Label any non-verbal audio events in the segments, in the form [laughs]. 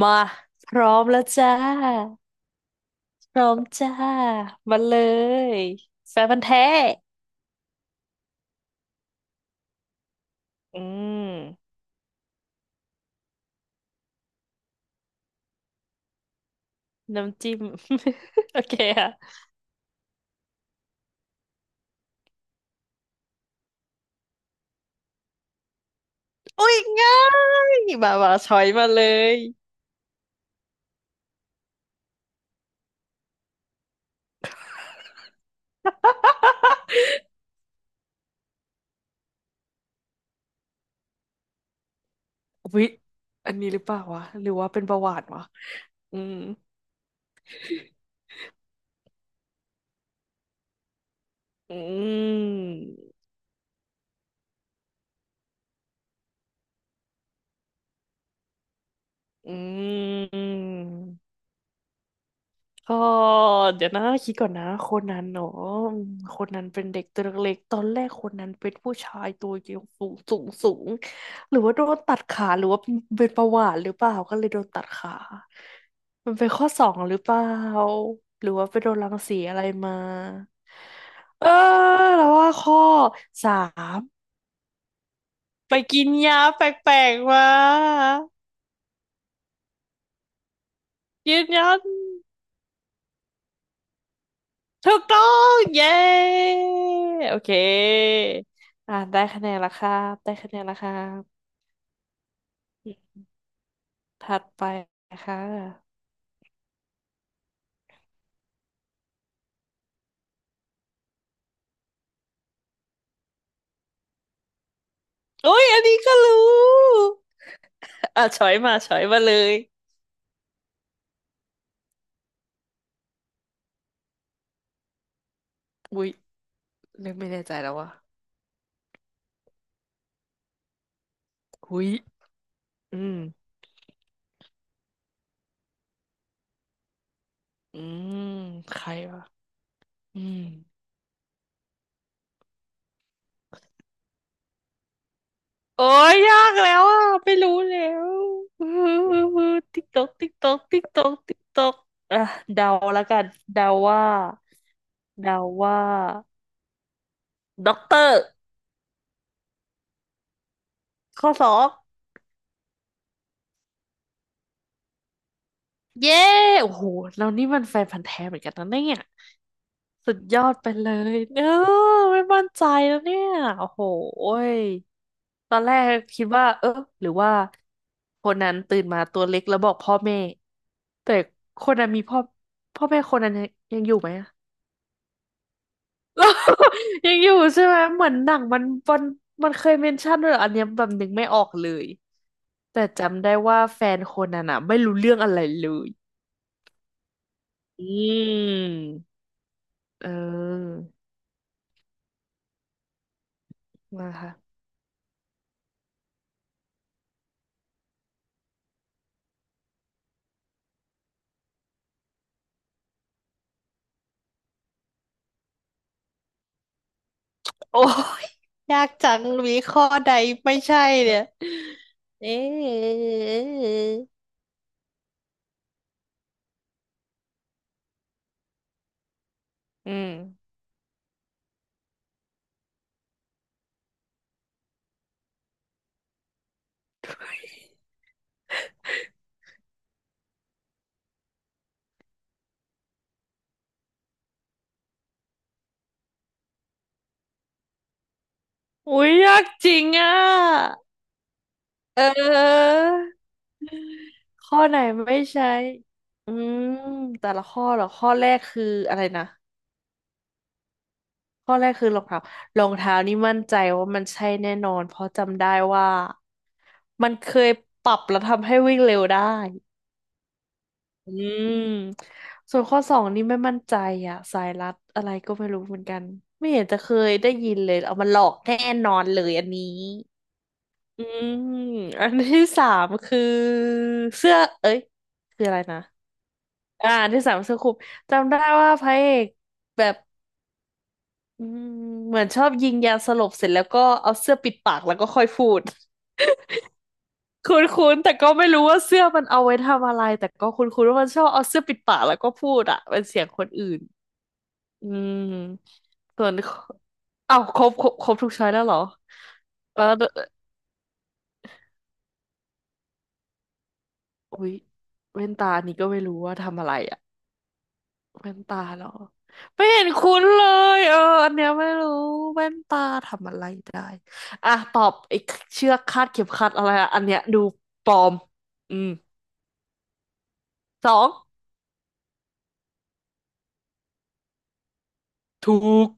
มาพร้อมแล้วจ้าพร้อมจ้ามาเลยแฟนพันธุ์แท้อืมน้ำจิ้ม [laughs] โอเคค่ะอุ้ยง่ายมามาช้อยมาเลยอืมอืมอืม ก็เดี๋ยวนะคิดก่อนนะคนนั้นเนาะคนนั้นเป็นเด็กตัวเล็กๆตอนแรกคนนั้นเป็นผู้ชายตัวเยวสูงสูงสูงหรือว่าโดนตัดขาหรือว่าเป็นประวัติหรือเปล่าก็เลยโดนตัดขามันเป็นข้อสองหรือเปล่าหรือว่าไปโดนรังสีอะไรมาเออแล้วว่าข้อสามไปกินยาแปลกๆมายืนยัน ถูกต้องเย้โอเคอ่าได้คะแนนละครับได้คะแนนละครับถัดไปนะคะโอ้ยอันนี้ก็รู้อ่ะช้อยมาช้อยมาเลยอุ้ยนึกไม่แน่ใจแล้วว่ะอุ้ยอืมอืมใครวะอืมโอ้ยยากแล้วอ่ะไม่รู้แล้วอือติ๊กตอกติ๊กตอกติ๊กตอกติ๊กตอกอ่ะเดาละกันเดาว่าเดาว่า ด็อกเตอร์ข้อสอบเย้โอ้โหเรานี่มันแฟนพันธุ์แท้เหมือนกันนะเนี่ยสุดยอดไปเลยเออไม่มั่นใจแล้วเนี่ยโอ้โหยตอนแรกคิดว่าเออหรือว่าคนนั้นตื่นมาตัวเล็กแล้วบอกพ่อแม่แต่คนนั้นมีพ่อแม่คนนั้นยังยังอยู่ไหมอะ [laughs] ยังอยู่ใช่ไหมเหมือนหนังมันมันมันเคยเมนชั่นด้วยเหรออันเนี้ยแบบนึกไม่ออกเลยแต่จำได้ว่าแฟนคนนั้นอ่ะไม่รู้เรื่องอะไรเลย อืมเออมาค่ะ โอ้ยยากจังมีข้อใดไม่ใช่เนี่ยเอ๊ะอืมอุ้ยยากจริงอ่ะเออ ข้อไหนไม่ใช่อืมแต่ละข้อเหรอ ข้อแรกคืออะไรนะ ข้อแรกคือรองเท้ารองเท้านี่มั่นใจว่ามันใช่แน่นอน เพราะจำได้ว่ามันเคยปรับแล้วทำให้วิ่งเร็วได้ อืมส่วนข้อสองนี่ไม่มั่นใจอ่ะสายลัดอะไรก็ไม่รู้เหมือนกันไม่เห็นจะเคยได้ยินเลยเอามาหลอกแน่นอนเลยอันนี้อืมอันที่สามคือเสื้อเอ้ยคืออะไรนะอ่าอันที่สามเสื้อคลุมจำได้ว่าพระเอกแบบอืมเหมือนชอบยิงยาสลบเสร็จแล้วก็เอาเสื้อปิดปากแล้วก็ค่อยพูด [laughs] คุ้นๆแต่ก็ไม่รู้ว่าเสื้อมันเอาไว้ทำอะไรแต่ก็คุ้นๆว่ามันชอบเอาเสื้อปิดปากแล้วก็พูดอะเป็นเสียงคนอื่น อืมส่วนอ้าวครบครบครบทุกช้อยแล้วเหรอแล้วอุ๊ยแว่นตานี่ก็ไม่รู้ว่าทำอะไรอะแว่นตาเหรอไม่เห็นคุ้นเลยเอออันเนี้ยไม่รู้แว่นตาทำอะไรได้อ่ะตอบไอ้เชือกคาดเข็มขัดอะไรอะอันเนี้ยดูปลอมอืมสองถูก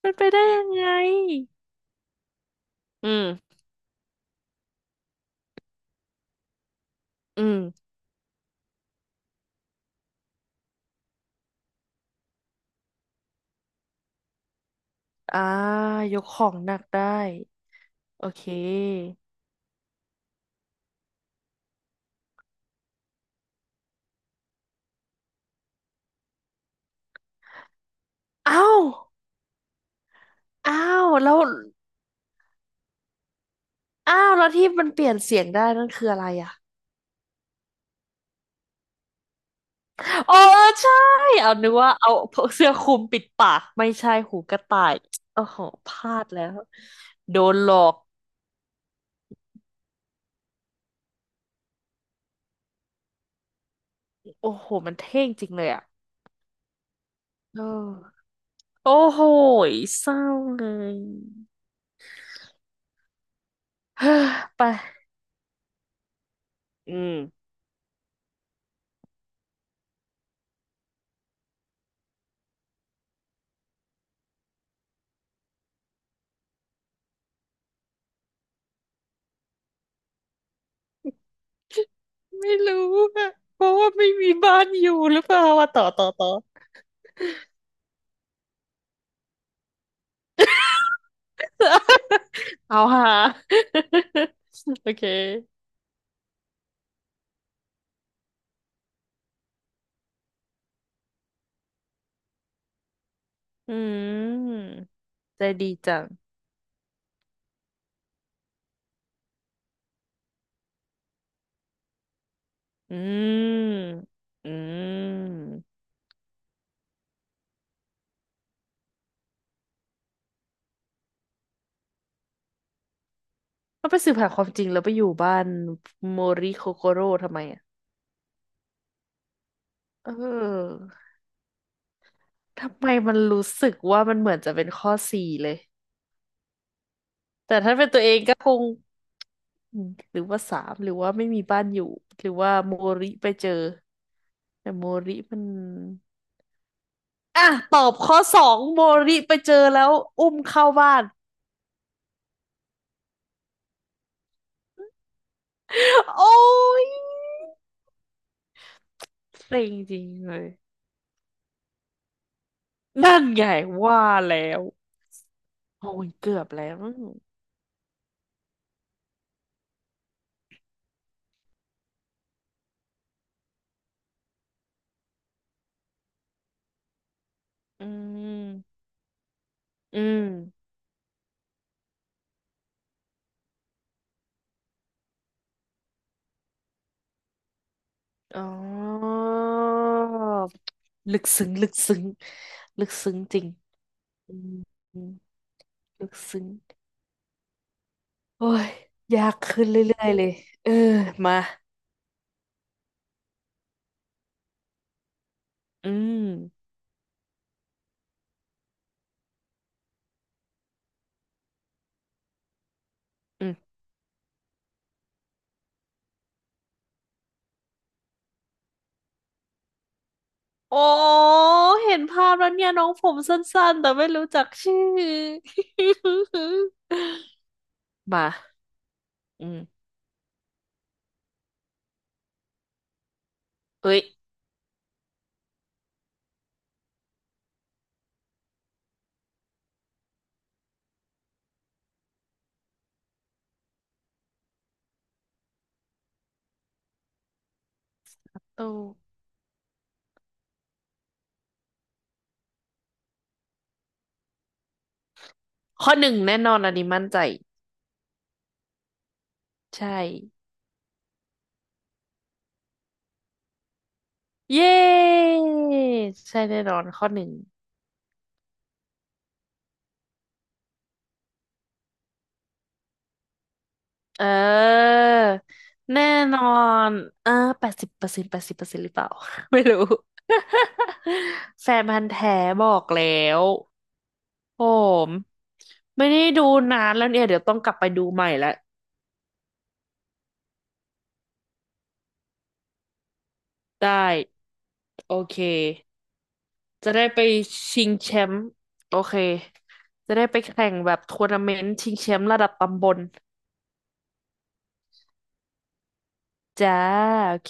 เป็นไปได้ยังไงอืมอืมอ่ายกของหนักได้โอเคอ้าวอ้าวแล้ว อ้าวแล้วที่มันเปลี่ยนเสียงได้นั่นคืออะไรอ่ะอ๋อเออใช่เอานึกว่าเอาเสื้อคลุมปิดปากไม่ใช่หูกระต่ายโอ้โหพลาดแล้วโดนหลอกโอ้โหมันเท่งจริงเลยอ่ะเออโอ้โหเศร้าเลย [sighs] เฮ้อไปอืมไม่รู้อะเพราะว่าไม่มีบ้านอยู่หรือเปล่าว่าต่อเอาหา [laughs] โอเคอืมใจดีจัง อืมอืมก็ไปสืบหาความจริงแล้วไปอยู่บ้านโมริโคโกโร่ทำไมอ่ะเออทำไมมันรู้สึกว่ามันเหมือนจะเป็นข้อสี่เลยแต่ถ้าเป็นตัวเองก็คงอืมหรือว่าสามหรือว่าไม่มีบ้านอยู่หรือว่าโมริไปเจอแต่โมริมันอ่ะตอบข้อสองโมริไปเจอแล้วอุ้มเข้าบ้าน [laughs] โอ้ยเซ็งจริงเลยนั่นไงว่าแล้ว โอ้ยเกือบแล้ว อืมอืมอ๋อ ลึกซึ้งลึกซึ้งลึกซึ้งจริงอืมอืมลึกซึ้งโอ้ยยากขึ้นเรื่อยๆเลยเออมาอืมอืมโอ้เห็นภาพแล้วเนี่ยน้องผมสั้นๆแต่ไม่รู้จักชื่อ [laughs] มาอืมเอ้ยโอ้ข้อหนึ่งแน่นอนอันนี้มั่นใจ ใช่ เย้ใช่แน่นอนข้อหนึ่งเออแน่นอน เออ80%แปดสิบเปอร์เซ็นต์หรือเปล่า [laughs] ไม่รู้ [laughs] แฟนพันธุ์แท้บอกแล้วผมไม่ได้ดูนานแล้วเนี่ย เดี๋ยวต้องกลับไปดูใหม่ละได้ โอเค จะได้ไปชิงแชมป์โอเค จะได้ไปแข่งแบบทัวร์นาเมนต์ชิงแชมป์ระดับตำบลจ้าโอเค